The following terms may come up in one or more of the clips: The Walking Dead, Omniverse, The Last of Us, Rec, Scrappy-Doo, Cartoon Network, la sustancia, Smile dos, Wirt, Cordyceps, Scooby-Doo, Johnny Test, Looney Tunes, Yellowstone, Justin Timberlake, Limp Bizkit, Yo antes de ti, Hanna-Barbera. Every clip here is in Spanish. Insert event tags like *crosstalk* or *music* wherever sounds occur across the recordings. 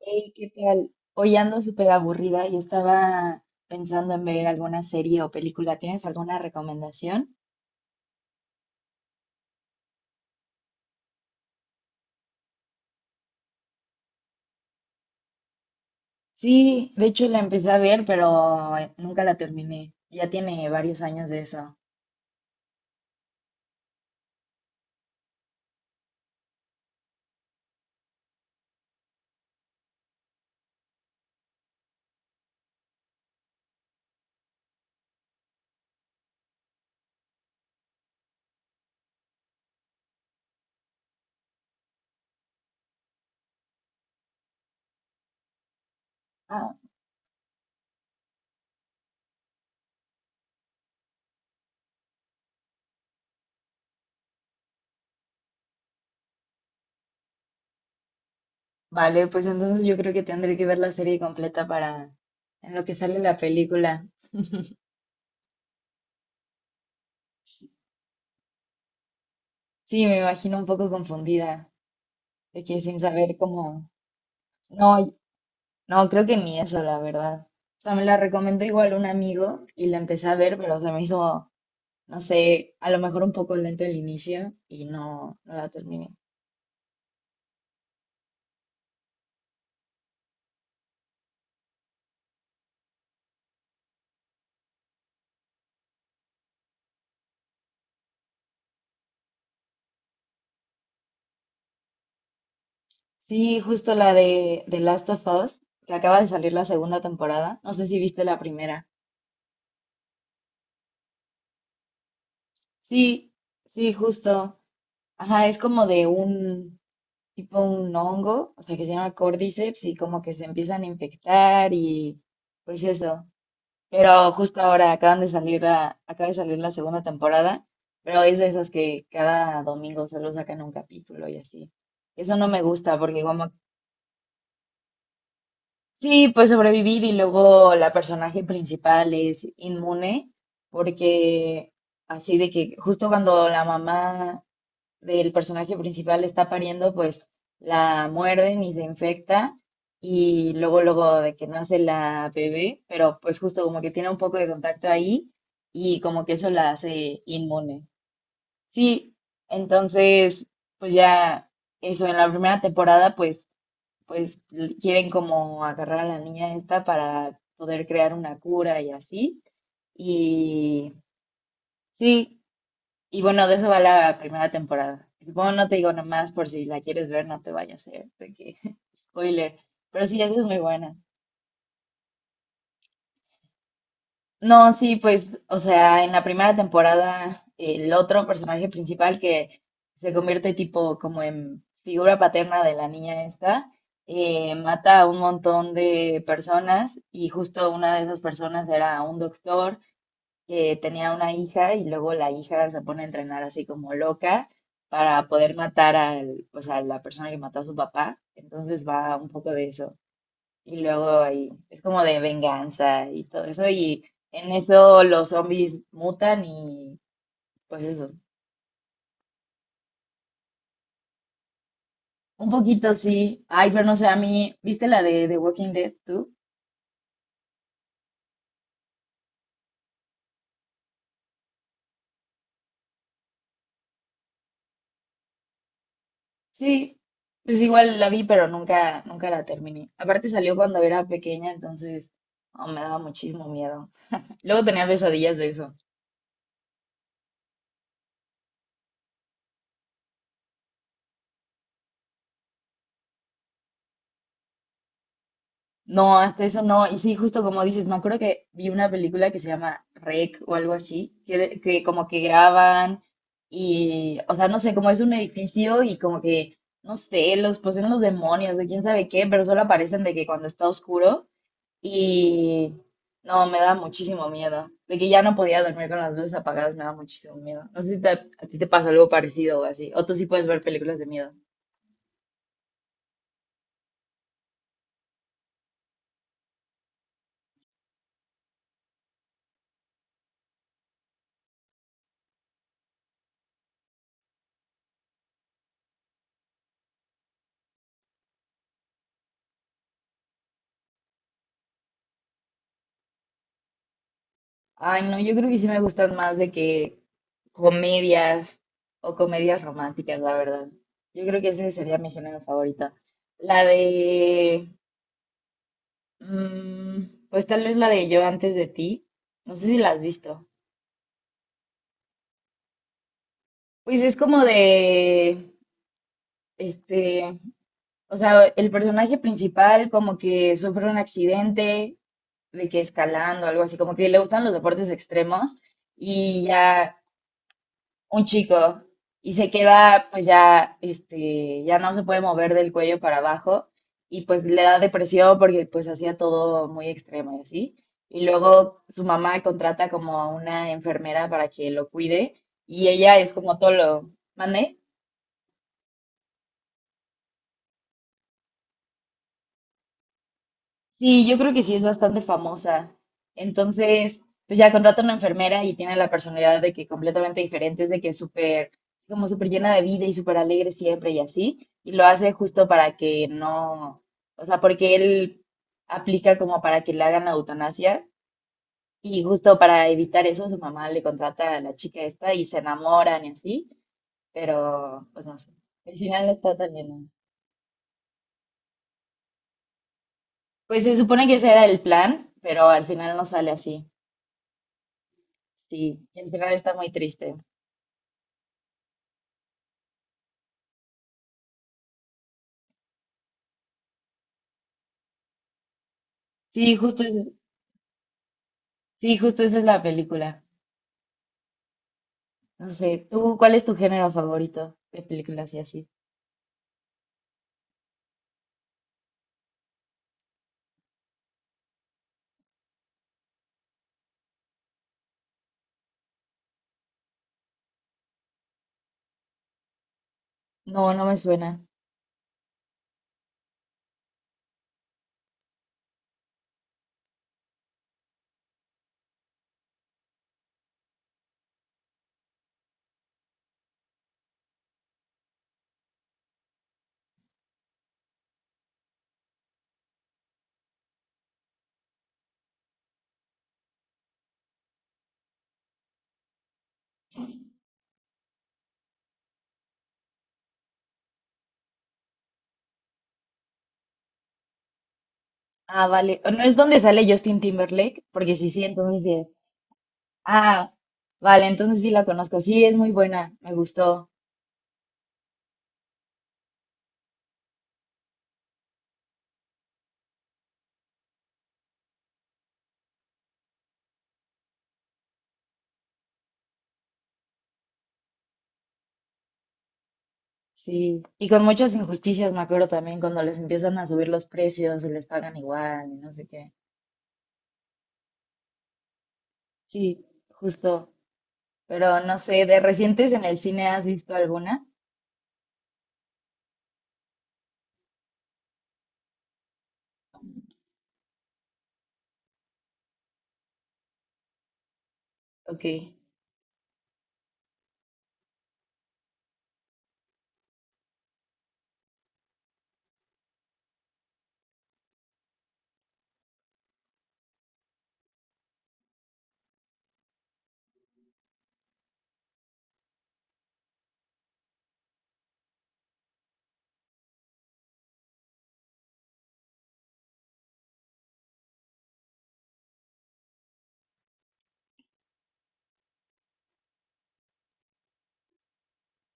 Hey, ¿qué tal? Hoy ando súper aburrida y estaba pensando en ver alguna serie o película. ¿Tienes alguna recomendación? Sí, de hecho la empecé a ver, pero nunca la terminé. Ya tiene varios años de eso. Ah, vale, pues entonces yo creo que tendré que ver la serie completa para en lo que sale la película. Sí, me imagino un poco confundida, de que sin saber cómo. No, no, creo que ni eso, la verdad. O sea, me la recomendó igual un amigo y la empecé a ver, pero se me hizo no sé, a lo mejor un poco lento el inicio y no, no la terminé. Sí, justo la de The Last of Us, que acaba de salir la segunda temporada. No sé si viste la primera. Sí, sí, justo. Ajá, es como de un tipo un hongo, o sea, que se llama Cordyceps y como que se empiezan a infectar y pues eso. Pero justo ahora acaban de salir la, acaba de salir la segunda temporada, pero es de esas que cada domingo solo sacan un capítulo y así. Eso no me gusta porque como sí, pues sobrevivir y luego la personaje principal es inmune, porque así de que justo cuando la mamá del personaje principal está pariendo, pues la muerden y se infecta y luego luego de que nace la bebé, pero pues justo como que tiene un poco de contacto ahí y como que eso la hace inmune. Sí, entonces pues ya eso en la primera temporada pues pues quieren como agarrar a la niña esta para poder crear una cura y así. Y sí, y bueno, de eso va la primera temporada. Bueno, no te digo nomás por si la quieres ver, no te vayas a hacer de que *laughs* spoiler, pero sí, esa es muy buena. No, sí, pues, o sea, en la primera temporada, el otro personaje principal que se convierte tipo como en figura paterna de la niña esta, mata a un montón de personas y justo una de esas personas era un doctor que tenía una hija y luego la hija se pone a entrenar así como loca para poder matar al, pues, a la persona que mató a su papá. Entonces va un poco de eso y luego ahí es como de venganza y todo eso. Y en eso los zombies mutan y pues eso. Un poquito sí. Ay, pero no sé, a mí, ¿viste la de The Walking Dead tú? Sí, pues igual la vi, pero nunca, nunca la terminé. Aparte salió cuando era pequeña, entonces oh, me daba muchísimo miedo. Luego tenía pesadillas de eso. No, hasta eso no. Y sí, justo como dices, me acuerdo que vi una película que se llama Rec o algo así, que como que graban y, o sea, no sé, como es un edificio y como que, no sé, los poseen los demonios de quién sabe qué, pero solo aparecen de que cuando está oscuro y no, me da muchísimo miedo. De que ya no podía dormir con las luces apagadas, me da muchísimo miedo. No sé si a ti te pasa algo parecido o así, o tú sí puedes ver películas de miedo. Ay, no, yo creo que sí me gustan más de que comedias o comedias románticas, la verdad. Yo creo que ese sería mi género favorito. La de, pues tal vez la de Yo antes de ti. No sé si la has visto. Pues es como de, este, o sea, el personaje principal como que sufre un accidente, de que escalando, algo así, como que le gustan los deportes extremos y ya un chico y se queda pues ya este ya no se puede mover del cuello para abajo y pues le da depresión porque pues hacía todo muy extremo y así. Y luego su mamá contrata como a una enfermera para que lo cuide y ella es como tolo, ¿mande? Sí, yo creo que sí es bastante famosa. Entonces, pues ya contrata una enfermera y tiene la personalidad de que completamente diferente, es de que es súper, como súper llena de vida y súper alegre siempre y así. Y lo hace justo para que no, o sea, porque él aplica como para que le hagan la eutanasia y justo para evitar eso su mamá le contrata a la chica esta y se enamoran y así, pero pues no sé. Al final está tan lleno. Pues se supone que ese era el plan, pero al final no sale así. Sí, el final está muy triste. Sí, justo sí, justo esa es la película. No sé, ¿tú cuál es tu género favorito de películas y así? No, no me suena. Ah, vale. ¿O ¿no es donde sale Justin Timberlake? Porque sí, sí, entonces sí es. Ah, vale, entonces sí la conozco. Sí, es muy buena, me gustó. Sí. Y con muchas injusticias, me acuerdo también, cuando les empiezan a subir los precios y les pagan igual y no sé qué. Sí, justo. Pero no sé, ¿de recientes en el cine has visto alguna? Ok.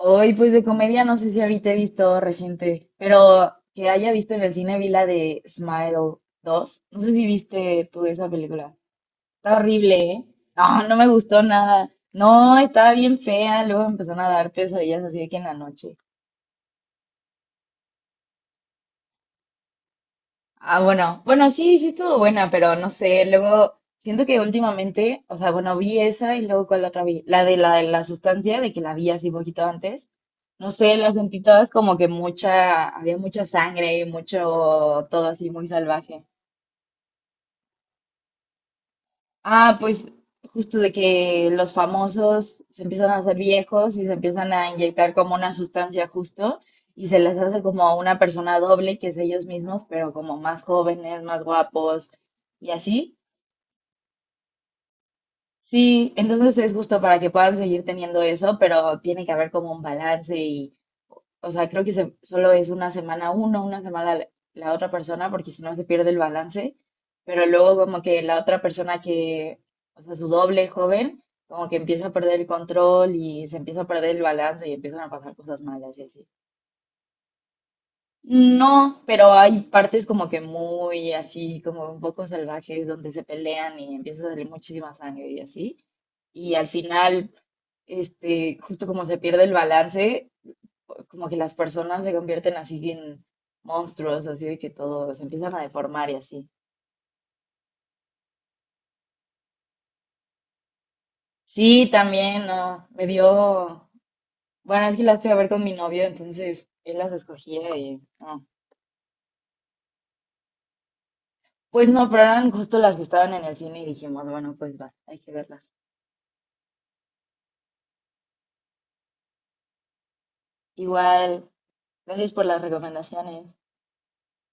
Hoy, pues de comedia, no sé si ahorita he visto reciente, pero que haya visto en el cine vi la de Smile 2. No sé si viste tú esa película. Está horrible, ¿eh? No, no me gustó nada. No, estaba bien fea. Luego empezaron a dar pesadillas así de que en la noche. Ah, bueno, bueno, sí, sí estuvo buena, pero no sé, luego siento que últimamente, o sea, bueno, vi esa y luego con la otra vi, la de la, de la sustancia, de que la vi así poquito antes, no sé, las sentí todas como que mucha, había mucha sangre y mucho, todo así muy salvaje. Ah, pues justo de que los famosos se empiezan a hacer viejos y se empiezan a inyectar como una sustancia justo y se les hace como una persona doble que es ellos mismos, pero como más jóvenes, más guapos y así. Sí, entonces es justo para que puedan seguir teniendo eso, pero tiene que haber como un balance y, o sea, creo que solo es una semana uno, una semana la, la otra persona, porque si no se pierde el balance, pero luego como que la otra persona que, o sea, su doble joven, como que empieza a perder el control y se empieza a perder el balance y empiezan a pasar cosas malas y así. No, pero hay partes como que muy así, como un poco salvajes, donde se pelean y empieza a salir muchísima sangre y así. Y al final, justo como se pierde el balance, como que las personas se convierten así en monstruos, así de que todo se empiezan a deformar y así. Sí, también, no, me dio, bueno, es que las fui a ver con mi novio, entonces él las escogía y no. Pues no, pero eran justo las que estaban en el cine y dijimos, bueno, pues va, hay que verlas. Igual. Gracias por las recomendaciones.